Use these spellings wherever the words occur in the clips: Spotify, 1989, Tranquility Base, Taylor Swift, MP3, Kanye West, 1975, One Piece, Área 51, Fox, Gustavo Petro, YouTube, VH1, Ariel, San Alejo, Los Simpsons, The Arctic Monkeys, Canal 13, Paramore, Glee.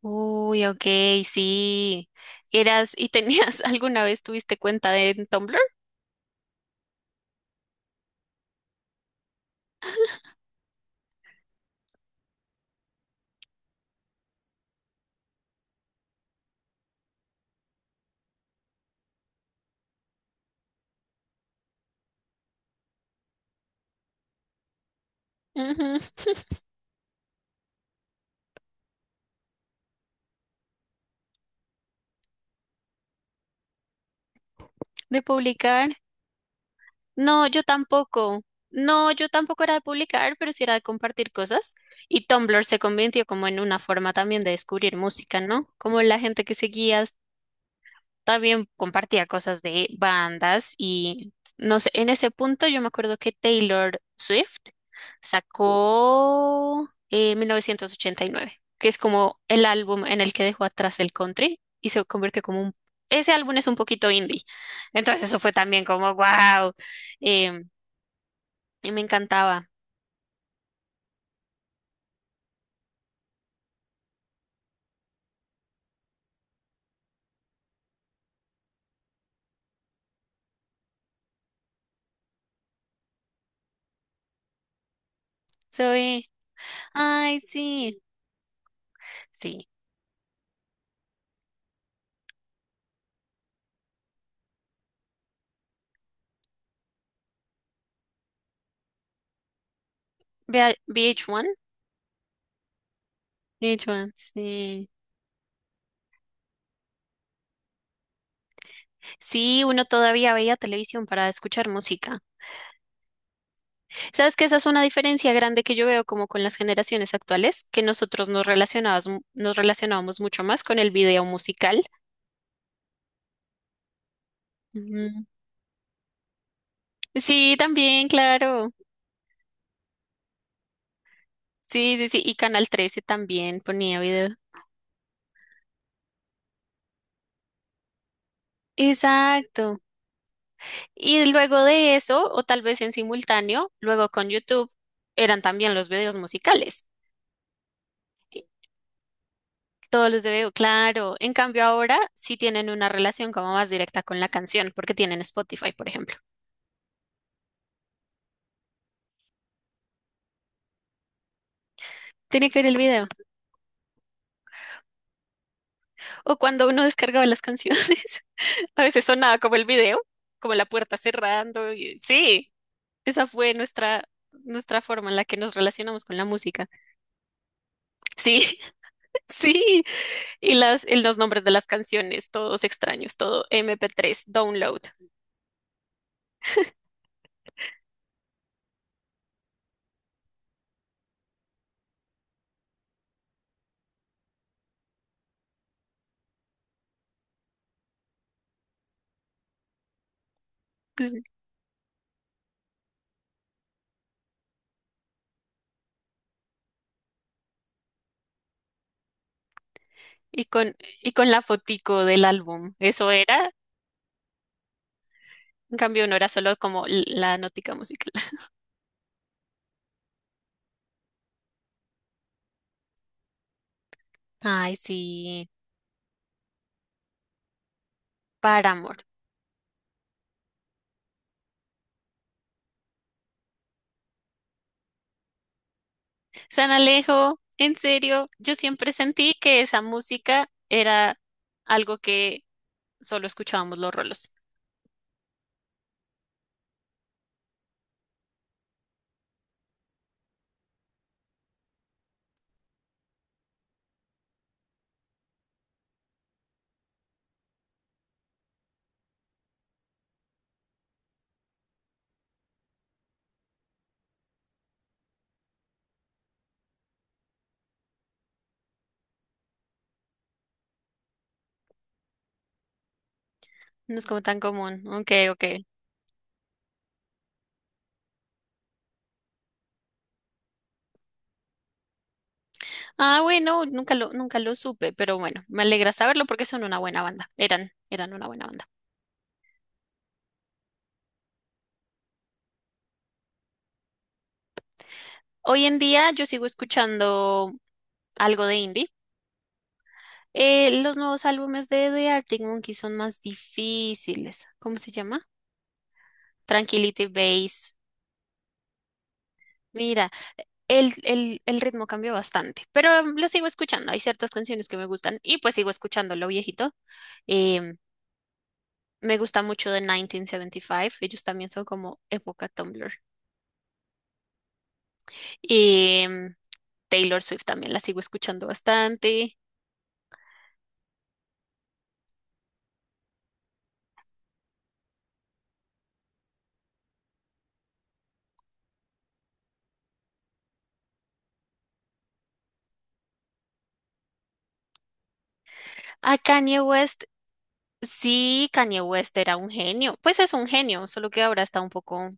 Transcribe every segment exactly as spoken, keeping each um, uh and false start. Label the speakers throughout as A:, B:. A: Uy, ok, sí. Eras y tenías alguna vez tuviste cuenta de en Tumblr. Ujú, de publicar. No, yo tampoco. No, yo tampoco era de publicar, pero sí era de compartir cosas. Y Tumblr se convirtió como en una forma también de descubrir música, ¿no? Como la gente que seguías también compartía cosas de bandas y no sé, en ese punto yo me acuerdo que Taylor Swift sacó eh, mil novecientos ochenta y nueve, que es como el álbum en el que dejó atrás el country y se convirtió como un... Ese álbum es un poquito indie, entonces eso fue también como wow, y me encantaba. Soy, ay, sí, sí, Vea- V H uno, V H uno, sí. Sí, uno todavía veía televisión para escuchar música. Sabes que esa es una diferencia grande que yo veo como con las generaciones actuales, que nosotros nos relacionábamos, nos relacionábamos mucho más con el video musical. Ujú. Sí, también, claro. Sí, sí, sí. Y Canal trece también ponía video. Exacto. Y luego de eso, o tal vez en simultáneo, luego con YouTube, eran también los videos musicales. Y todos los de video, claro. En cambio ahora sí tienen una relación como más directa con la canción, porque tienen Spotify, por ejemplo. Tiene que ver el video. O cuando uno descargaba las canciones, a veces sonaba como el video, como la puerta cerrando. y- Sí, esa fue nuestra, nuestra forma en la que nos relacionamos con la música. Sí, sí. Y las, y los nombres de las canciones, todos extraños, todo M P tres, download. Ujú. Y con, y con la fotico del álbum. Eso era, en cambio, no era solo como l- la notica musical. Ay, sí, Paramore. San Alejo, en serio, yo siempre sentí que esa música era algo que solo escuchábamos los rolos. No es como tan común. Ok, ok. Ah, bueno, nunca lo, nunca lo supe, pero bueno, me alegra saberlo porque son una buena banda. Eran, eran una buena banda. Hoy en día yo sigo escuchando algo de indie. Eh, los nuevos álbumes de The Arctic Monkeys son más difíciles. ¿Cómo se llama? Tranquility Base. Mira. el, el, el ritmo cambió bastante, pero em, lo sigo escuchando. Hay ciertas canciones que me gustan y pues sigo escuchando lo viejito. Em, Me gusta mucho de mil novecientos setenta y cinco. Ellos también son como época Tumblr. Em, Taylor Swift también la sigo escuchando bastante. A Kanye West, sí, Kanye West era un genio. Pues es un genio, solo que ahora está un poco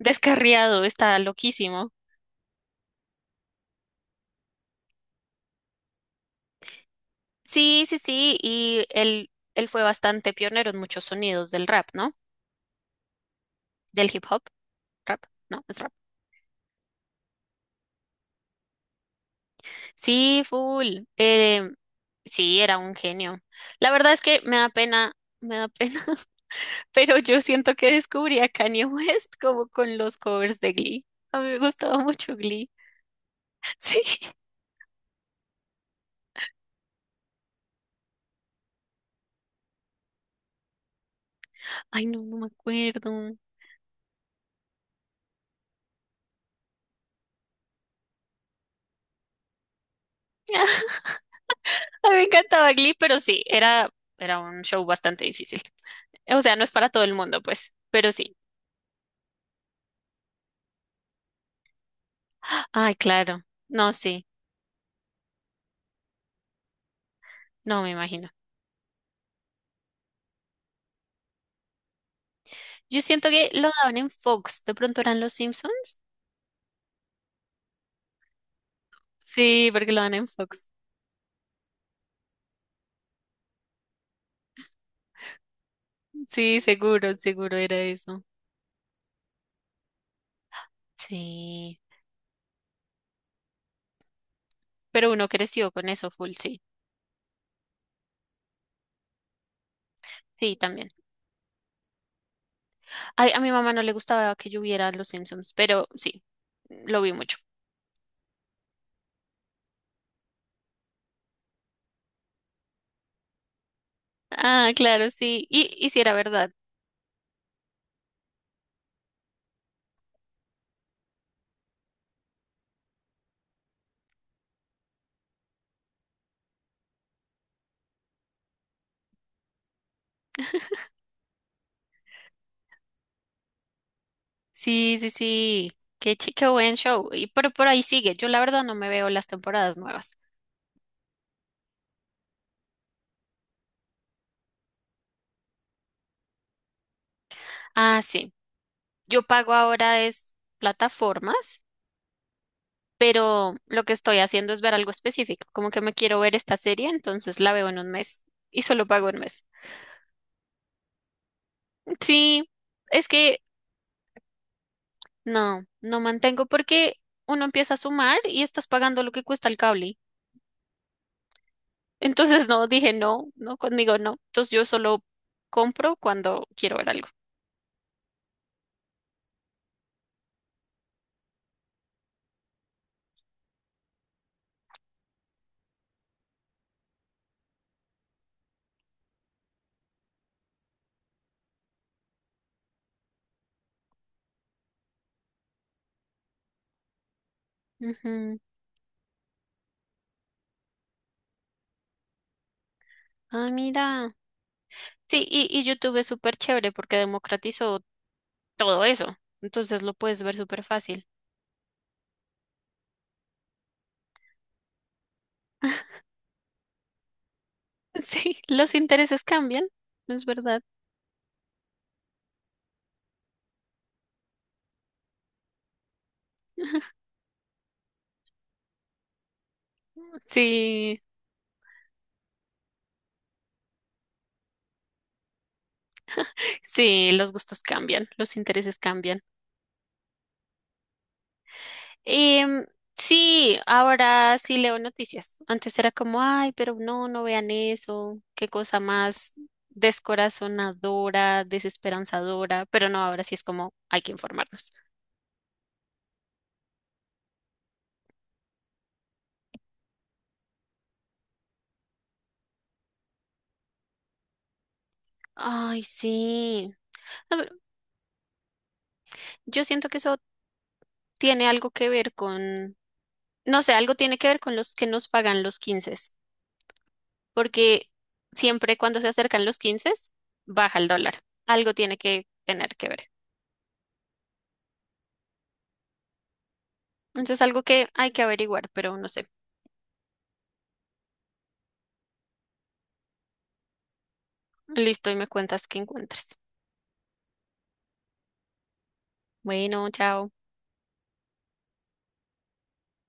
A: descarriado, está loquísimo. Sí, sí, sí, y él, él fue bastante pionero en muchos sonidos del rap, ¿no? Del hip hop. Rap, ¿no? Es rap. Sí, full. Eh, sí, era un genio. La verdad es que me da pena, me da pena, pero yo siento que descubrí a Kanye West como con los covers de Glee. A mí me gustaba mucho Glee. Sí. Ay, no, no me acuerdo. A mí me encantaba Glee, pero sí, era, era un show bastante difícil. O sea, no es para todo el mundo, pues, pero sí. Ay, claro. No, sí. No me imagino. Yo siento que lo daban en Fox. ¿De pronto eran los Simpsons? Sí, porque lo dan en Fox. Sí, seguro, seguro era eso. Sí, pero uno creció con eso full, sí. Sí, también. Ay, a mi mamá no le gustaba que yo viera Los Simpsons, pero sí, lo vi mucho. Ah, claro, sí. Y, y sí era verdad. Sí, sí, sí. Qué, chi- qué buen show. Y pero por ahí sigue. Yo la verdad no me veo las temporadas nuevas. Ah, sí. Yo pago ahora es plataformas, pero lo que estoy haciendo es ver algo específico, como que me quiero ver esta serie, entonces la veo en un mes y solo pago un mes. Sí, es que no, no mantengo porque uno empieza a sumar y estás pagando lo que cuesta el cable. Entonces no, dije no, no, conmigo no. Entonces yo solo compro cuando quiero ver algo. Ujú. Ah, mira. Sí, y, y YouTube es súper chévere porque democratizó todo eso. Entonces lo puedes ver súper fácil. Sí, los intereses cambian, es verdad. Sí, sí, los gustos cambian, los intereses cambian. Em, sí, ahora sí leo noticias. Antes era como, ay, pero no, no vean eso, qué cosa más descorazonadora, desesperanzadora, pero no, ahora sí es como, hay que informarnos. Ay, sí. A ver, yo siento que eso tiene algo que ver con, no sé, algo tiene que ver con los que nos pagan los quince. Porque siempre cuando se acercan los quince baja el dólar. Algo tiene que tener que ver. Entonces, algo que hay que averiguar, pero no sé. Listo, y me cuentas qué encuentres. Bueno, chao.